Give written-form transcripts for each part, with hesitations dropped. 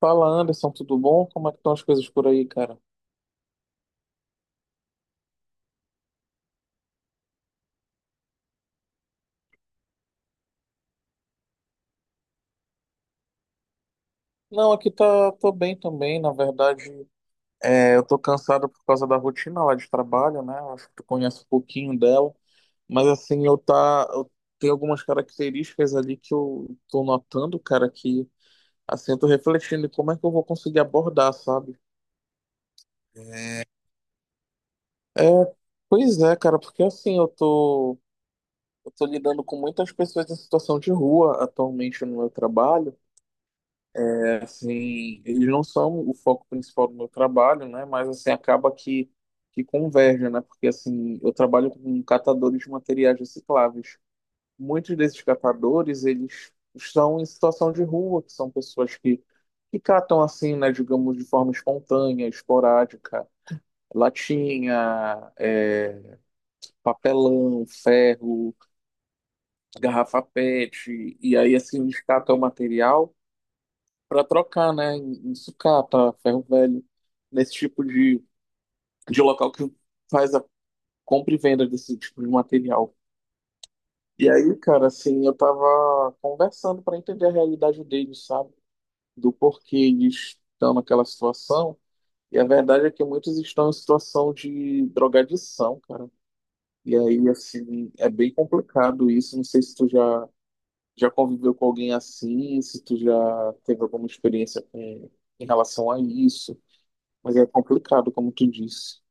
Fala, Anderson, tudo bom? Como é que estão as coisas por aí, cara? Não, aqui tá, tô bem também, na verdade, eu tô cansado por causa da rotina lá de trabalho, né? Eu acho que tu conhece um pouquinho dela, mas assim, eu tenho algumas características ali que eu tô notando, cara, que assim, eu tô refletindo em como é que eu vou conseguir abordar, sabe? É, pois é, cara, porque assim, eu tô lidando com muitas pessoas em situação de rua atualmente no meu trabalho. Assim, eles não são o foco principal do meu trabalho, né? Mas assim acaba que converge, né? Porque assim, eu trabalho com catadores de materiais recicláveis. Muitos desses catadores, eles estão em situação de rua, que são pessoas que catam assim, né, digamos, de forma espontânea, esporádica, latinha, papelão, ferro, garrafa PET, e aí assim eles catam o material para trocar, né? Em sucata, ferro velho, nesse tipo de local que faz a compra e venda desse tipo de material. E aí, cara, assim, eu tava conversando para entender a realidade deles, sabe? Do porquê eles estão naquela situação. E a verdade é que muitos estão em situação de drogadição, cara. E aí, assim, é bem complicado isso. Não sei se tu já, já conviveu com alguém assim, se tu já teve alguma experiência com, em relação a isso. Mas é complicado, como tu disse.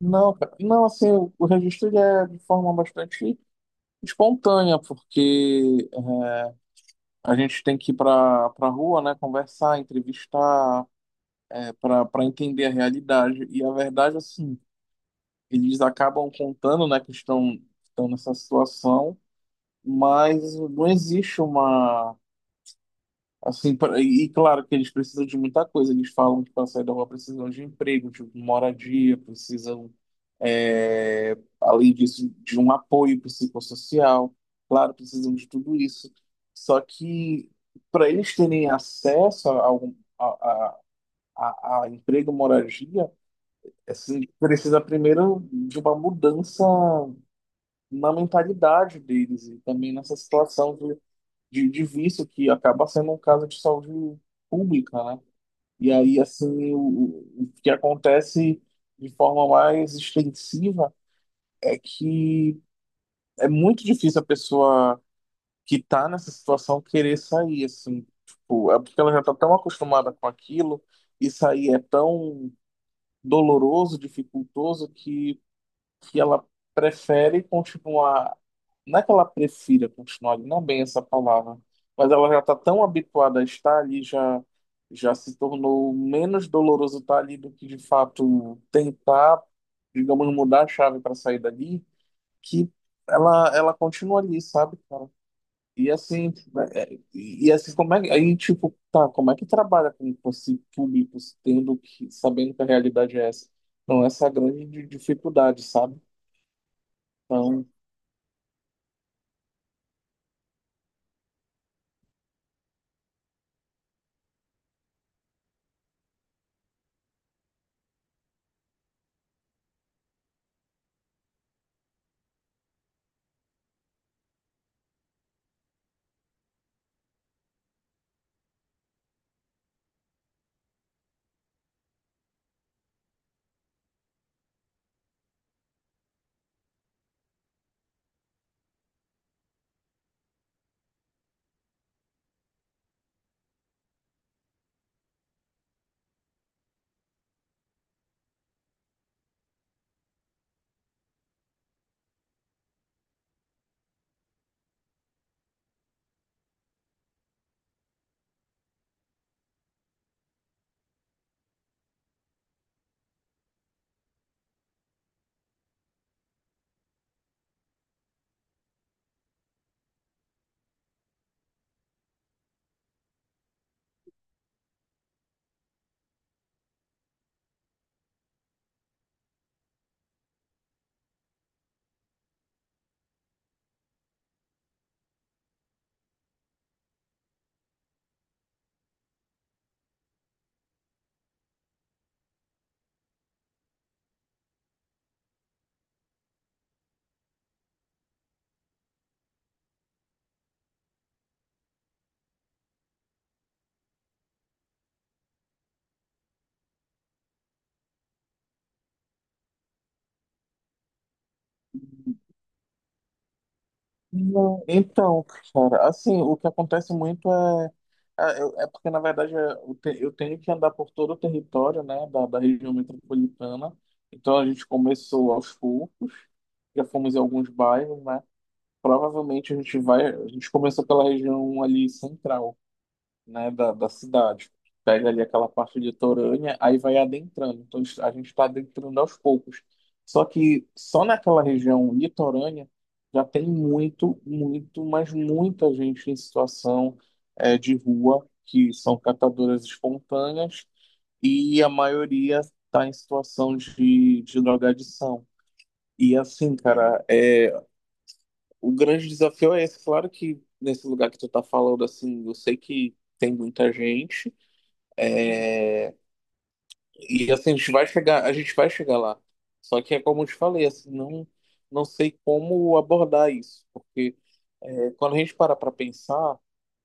Não, cara. Não, assim, o registro ele é de forma bastante espontânea, porque a gente tem que ir para para rua, né, conversar, entrevistar, para entender a realidade. E a verdade, assim, eles acabam contando, né, que estão, estão nessa situação, mas não existe uma... Assim, e claro que eles precisam de muita coisa. Eles falam que para sair da rua precisam de emprego, de moradia, precisam, é, além disso, de um apoio psicossocial. Claro, precisam de tudo isso. Só que para eles terem acesso a, algum, a, a, a emprego, moradia, assim, precisa primeiro de uma mudança na mentalidade deles e também nessa situação de vício que acaba sendo um caso de saúde pública, né? E aí, assim, o que acontece de forma mais extensiva é que é muito difícil a pessoa que tá nessa situação querer sair, assim. Tipo, é porque ela já tá tão acostumada com aquilo e sair é tão doloroso, dificultoso, que ela prefere continuar. Não é que ela prefira continuar, ali, não é bem essa palavra, mas ela já está tão habituada a estar ali, já, já se tornou menos doloroso estar ali do que de fato tentar, digamos, mudar a chave para sair dali, que ela continua ali, sabe, cara? E assim, e assim, como é que, aí, tipo, tá, como é que trabalha com esse público, tendo que, sabendo que a realidade é essa? Então, essa é a grande dificuldade, sabe? Então, Não, Então, cara, assim, o que acontece muito é, é porque, na verdade, é, eu tenho que andar por todo o território, né, da, da região metropolitana. Então, a gente começou aos poucos, já fomos em alguns bairros, né? Provavelmente a gente vai, a gente começou pela região ali central, né, da, da cidade. Pega ali aquela parte de litorânea, aí vai adentrando. A gente está adentrando aos poucos. Só que só naquela região litorânea já tem muito, muito, mas muita gente em situação de rua, que são catadoras espontâneas, e a maioria está em situação de drogadição. E assim, cara, é, o grande desafio é esse. Claro que nesse lugar que tu tá falando, assim, eu sei que tem muita gente. E assim, a gente vai chegar, a gente vai chegar lá. Só que é como eu te falei, assim, não, não sei como abordar isso, porque é, quando a gente para pensar,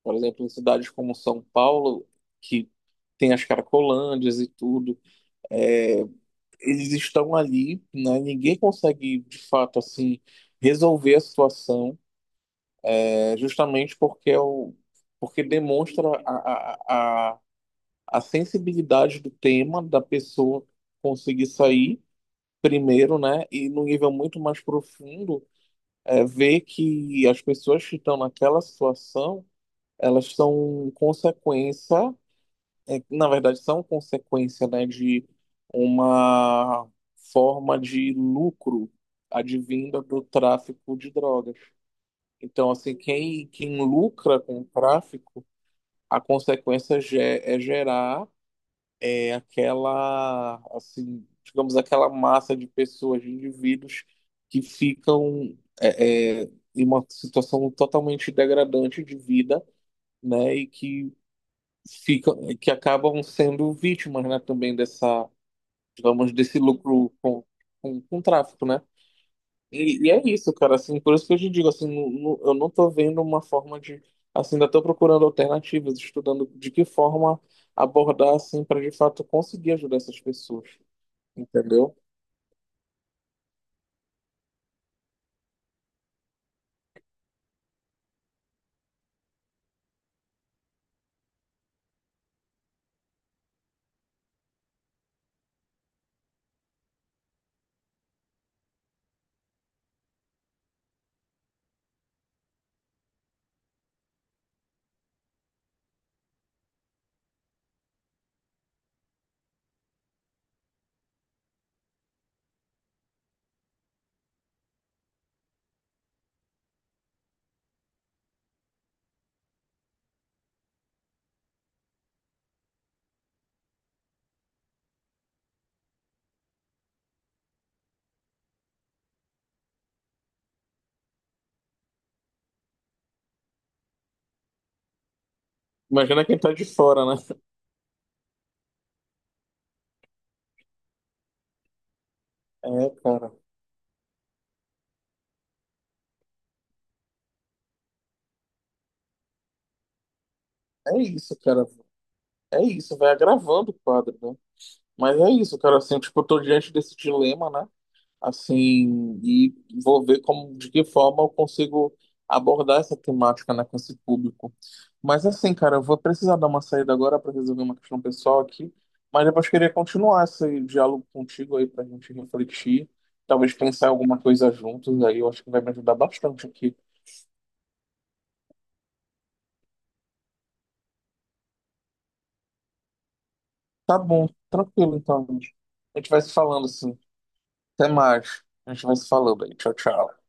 por exemplo, em cidades como São Paulo, que tem as caracolândias e tudo, é, eles estão ali, né? Ninguém consegue, de fato, assim, resolver a situação, é, justamente porque é o, porque demonstra a sensibilidade do tema da pessoa conseguir sair primeiro, né? E no nível muito mais profundo, é, ver que as pessoas que estão naquela situação, elas são consequência, é, na verdade, são consequência, né, de uma forma de lucro advinda do tráfico de drogas. Então, assim, quem, quem lucra com o tráfico, a consequência é gerar é aquela, assim, digamos, aquela massa de pessoas, de indivíduos que ficam em uma situação totalmente degradante de vida, né, e que ficam, que acabam sendo vítimas, né, também dessa, digamos, desse lucro com tráfico, né? E é isso, cara, assim, por isso que eu te digo, assim, eu não tô vendo uma forma de, assim, ainda tô procurando alternativas, estudando de que forma abordar, assim, para de fato conseguir ajudar essas pessoas, entendeu? Imagina quem tá de fora, né? É, cara. É isso, cara. É isso, vai agravando o quadro, né? Mas é isso, cara. Assim, tipo, eu tô diante desse dilema, né? Assim, e vou ver como, de que forma eu consigo abordar essa temática, né, com esse público. Mas assim, cara, eu vou precisar dar uma saída agora para resolver uma questão pessoal aqui. Mas depois queria continuar esse diálogo contigo aí pra gente refletir, talvez pensar em alguma coisa juntos aí. Eu acho que vai me ajudar bastante aqui. Tá bom, tranquilo então, gente. A gente vai se falando assim. Até mais. A gente vai se falando aí. Tchau, tchau.